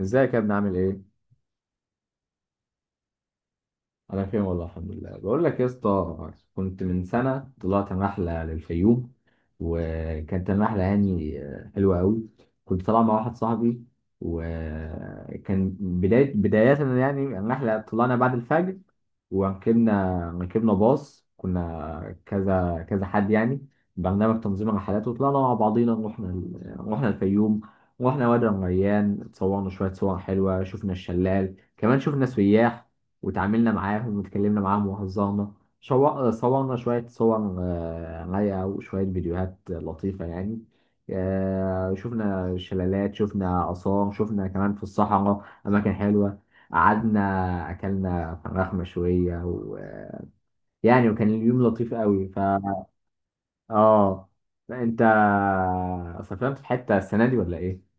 ازيك يا ابني عامل ايه؟ انا بخير والله الحمد لله. بقول لك يا اسطى، كنت من سنه طلعت رحله للفيوم، وكانت الرحله يعني حلوه قوي. كنت طالع مع واحد صاحبي، وكان بدايه يعني الرحله، طلعنا بعد الفجر وركبنا باص، كنا كذا كذا حد يعني برنامج تنظيم الرحلات، وطلعنا مع بعضينا. رحنا الفيوم، رحنا وادي الريان، اتصورنا شوية صور حلوة، شفنا الشلال، كمان شفنا سياح وتعاملنا معاهم واتكلمنا معاهم وهزرنا. صورنا شوية صور رايقة وشوية فيديوهات لطيفة يعني. شفنا شلالات، شفنا آثار، شفنا كمان في الصحراء أماكن حلوة، قعدنا اكلنا فراخ مشويه ويعني وكان اليوم لطيف قوي. اه. انت سافرت في حته السنه دي ولا ايه؟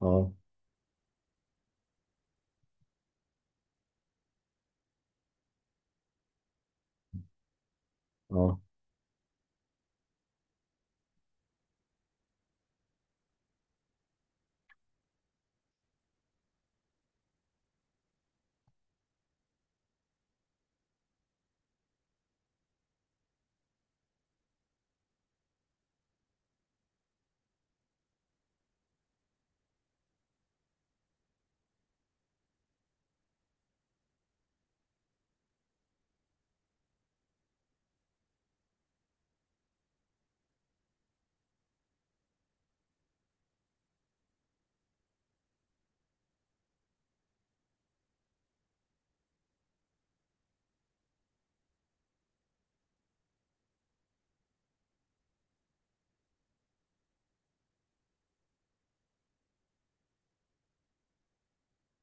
اه، اه،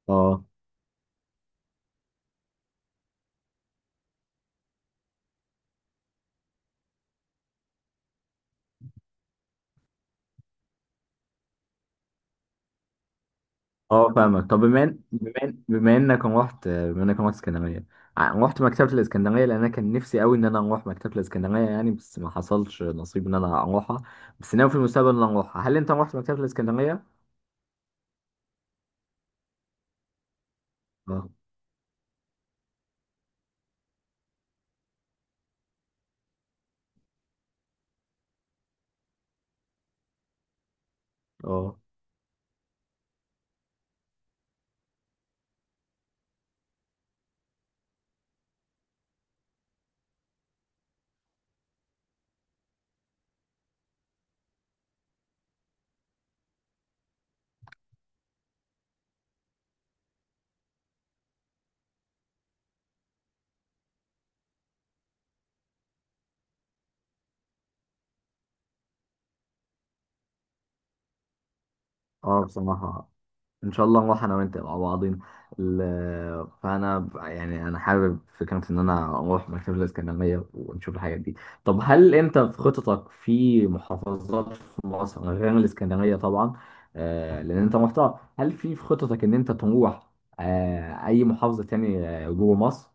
اه، اه. فاهمك. طب بما انك رحت اسكندريه، رحت مكتبه الاسكندريه؟ لان انا كان نفسي قوي ان انا اروح مكتبه الاسكندريه يعني، بس ما حصلش نصيب ان انا اروحها. بس ناوي في المستقبل ان انا اروحها. هل انت رحت مكتبه الاسكندريه؟ اه، اه. اه، بصراحه ان شاء الله نروح انا وانت مع بعضين. يعني انا حابب فكره ان انا اروح مكتبه الاسكندريه ونشوف الحاجات دي. طب هل انت في خططك في محافظات في مصر غير الاسكندريه طبعا؟ لان انت رحتها، هل في خططك ان انت تروح اي محافظه تاني جوه مصر؟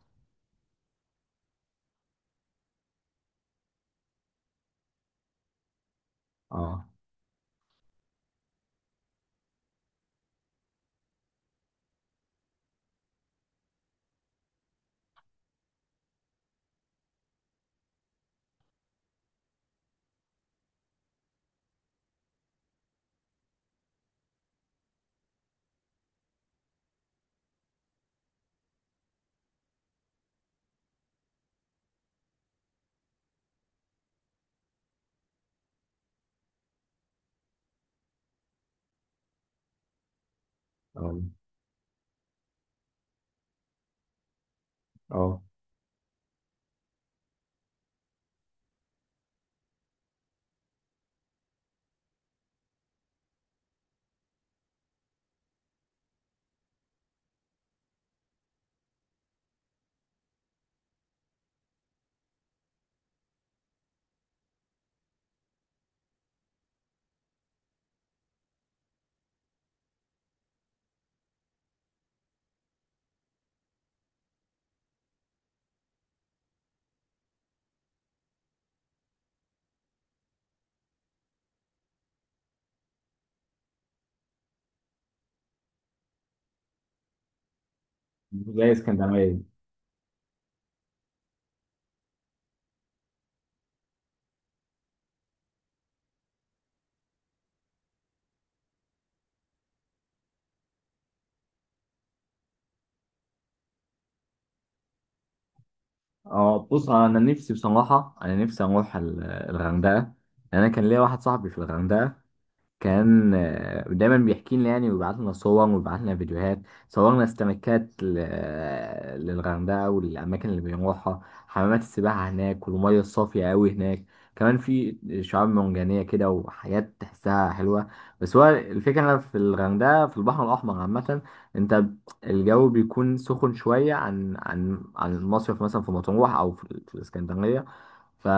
اه، اه، اه. زي اسكندريه. اه، بص انا نفسي بصراحه، انا نفسي اروح الغردقه. انا كان ليا واحد صاحبي في الغردقه، كان دايما بيحكي لنا يعني، ويبعت لنا صور ويبعت لنا فيديوهات. صورنا استمكات للغردقة والأماكن اللي بنروحها، حمامات السباحة هناك والمية الصافية أوي هناك. كمان في شعاب مرجانية كده وحاجات تحسها حلوة. بس هو الفكرة في الغردقة، في البحر الأحمر عامة، أنت الجو بيكون سخن شوية عن عن المصيف مثلا في مطروح أو في الإسكندرية. ف...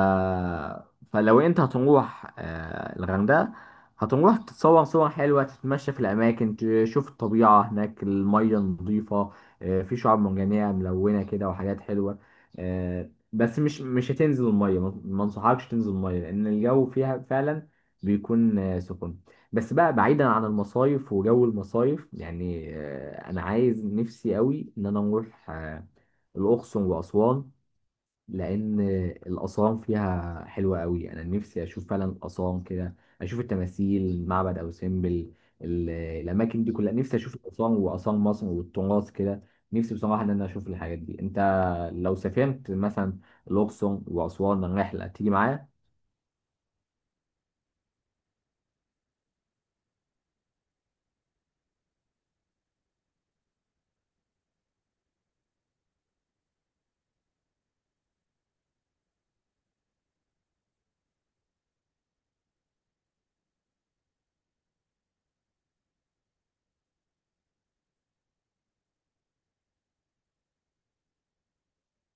فلو انت هتروح الغردقه، هتروح تتصور صور حلوة، تتمشى في الأماكن، تشوف الطبيعة هناك، المية نظيفة، في شعاب مرجانية ملونة كده وحاجات حلوة. بس مش هتنزل المية، ما انصحكش تنزل المية لأن الجو فيها فعلا بيكون سخن. بس بقى، بعيدا عن المصايف وجو المصايف يعني، أنا عايز نفسي قوي إن أنا أروح الأقصر وأسوان، لان الاصام فيها حلوه قوي. انا نفسي اشوف فعلا اصام كده، اشوف التماثيل، معبد ابو سمبل، الاماكن دي كلها، نفسي اشوف الاصام واصام مصر والتراث كده. نفسي بصراحه ان انا اشوف الحاجات دي. انت لو سافرت مثلا الاقصر واسوان، الرحله تيجي معايا؟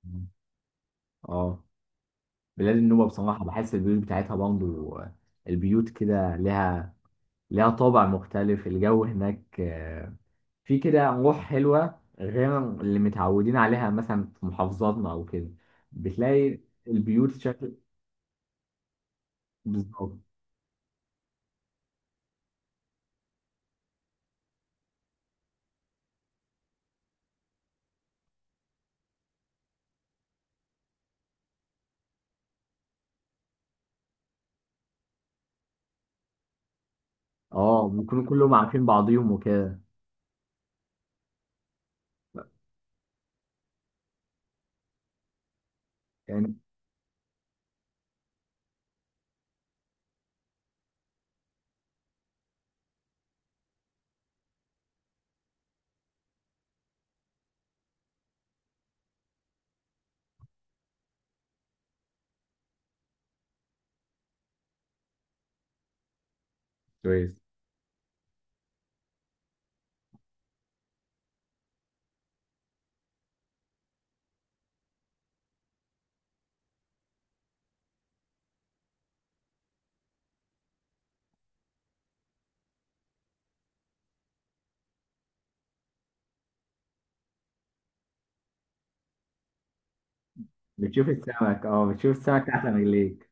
مم. اه. بلاد النوبه بصراحه، بحس البيوت بتاعتها برضه، البيوت كده لها طابع مختلف. الجو هناك في كده روح حلوة غير اللي متعودين عليها مثلا في محافظاتنا أو كده. بتلاقي البيوت شكل… بالظبط. اه، بيكونوا كلهم عارفين بعضيهم وكده يعني. كويس. بتشوف السمك؟ اه، بتشوف السمك تحت رجليك.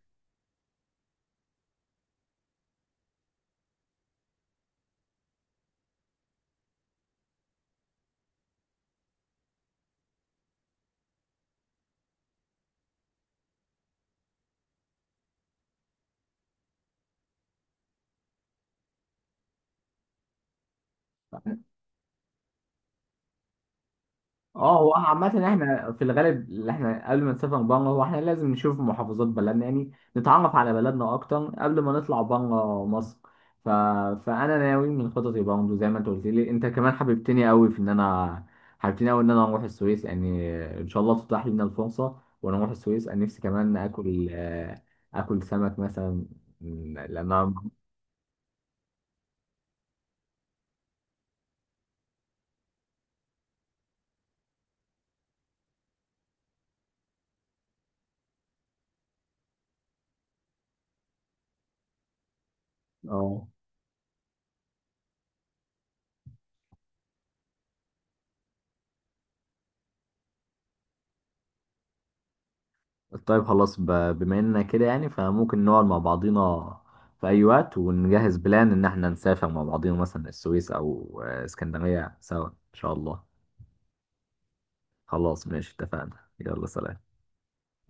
اه، هو عامة احنا في الغالب، اللي احنا قبل ما نسافر بره، هو احنا لازم نشوف محافظات بلدنا يعني، نتعرف على بلدنا اكتر قبل ما نطلع بره مصر. ف... فانا ناوي من خططي برضه، زي ما انت قلت لي، انت كمان حببتني قوي ان انا اروح السويس يعني. ان شاء الله تتاح لنا الفرصة وانا اروح السويس. انا نفسي كمان اكل اكل سمك مثلا، لان انا اه… طيب خلاص بما اننا كده يعني، فممكن نقعد مع بعضينا في اي وقت ونجهز بلان ان احنا نسافر مع بعضينا، مثلا السويس او اسكندرية سوا ان شاء الله. خلاص ماشي، اتفقنا، يلا سلام.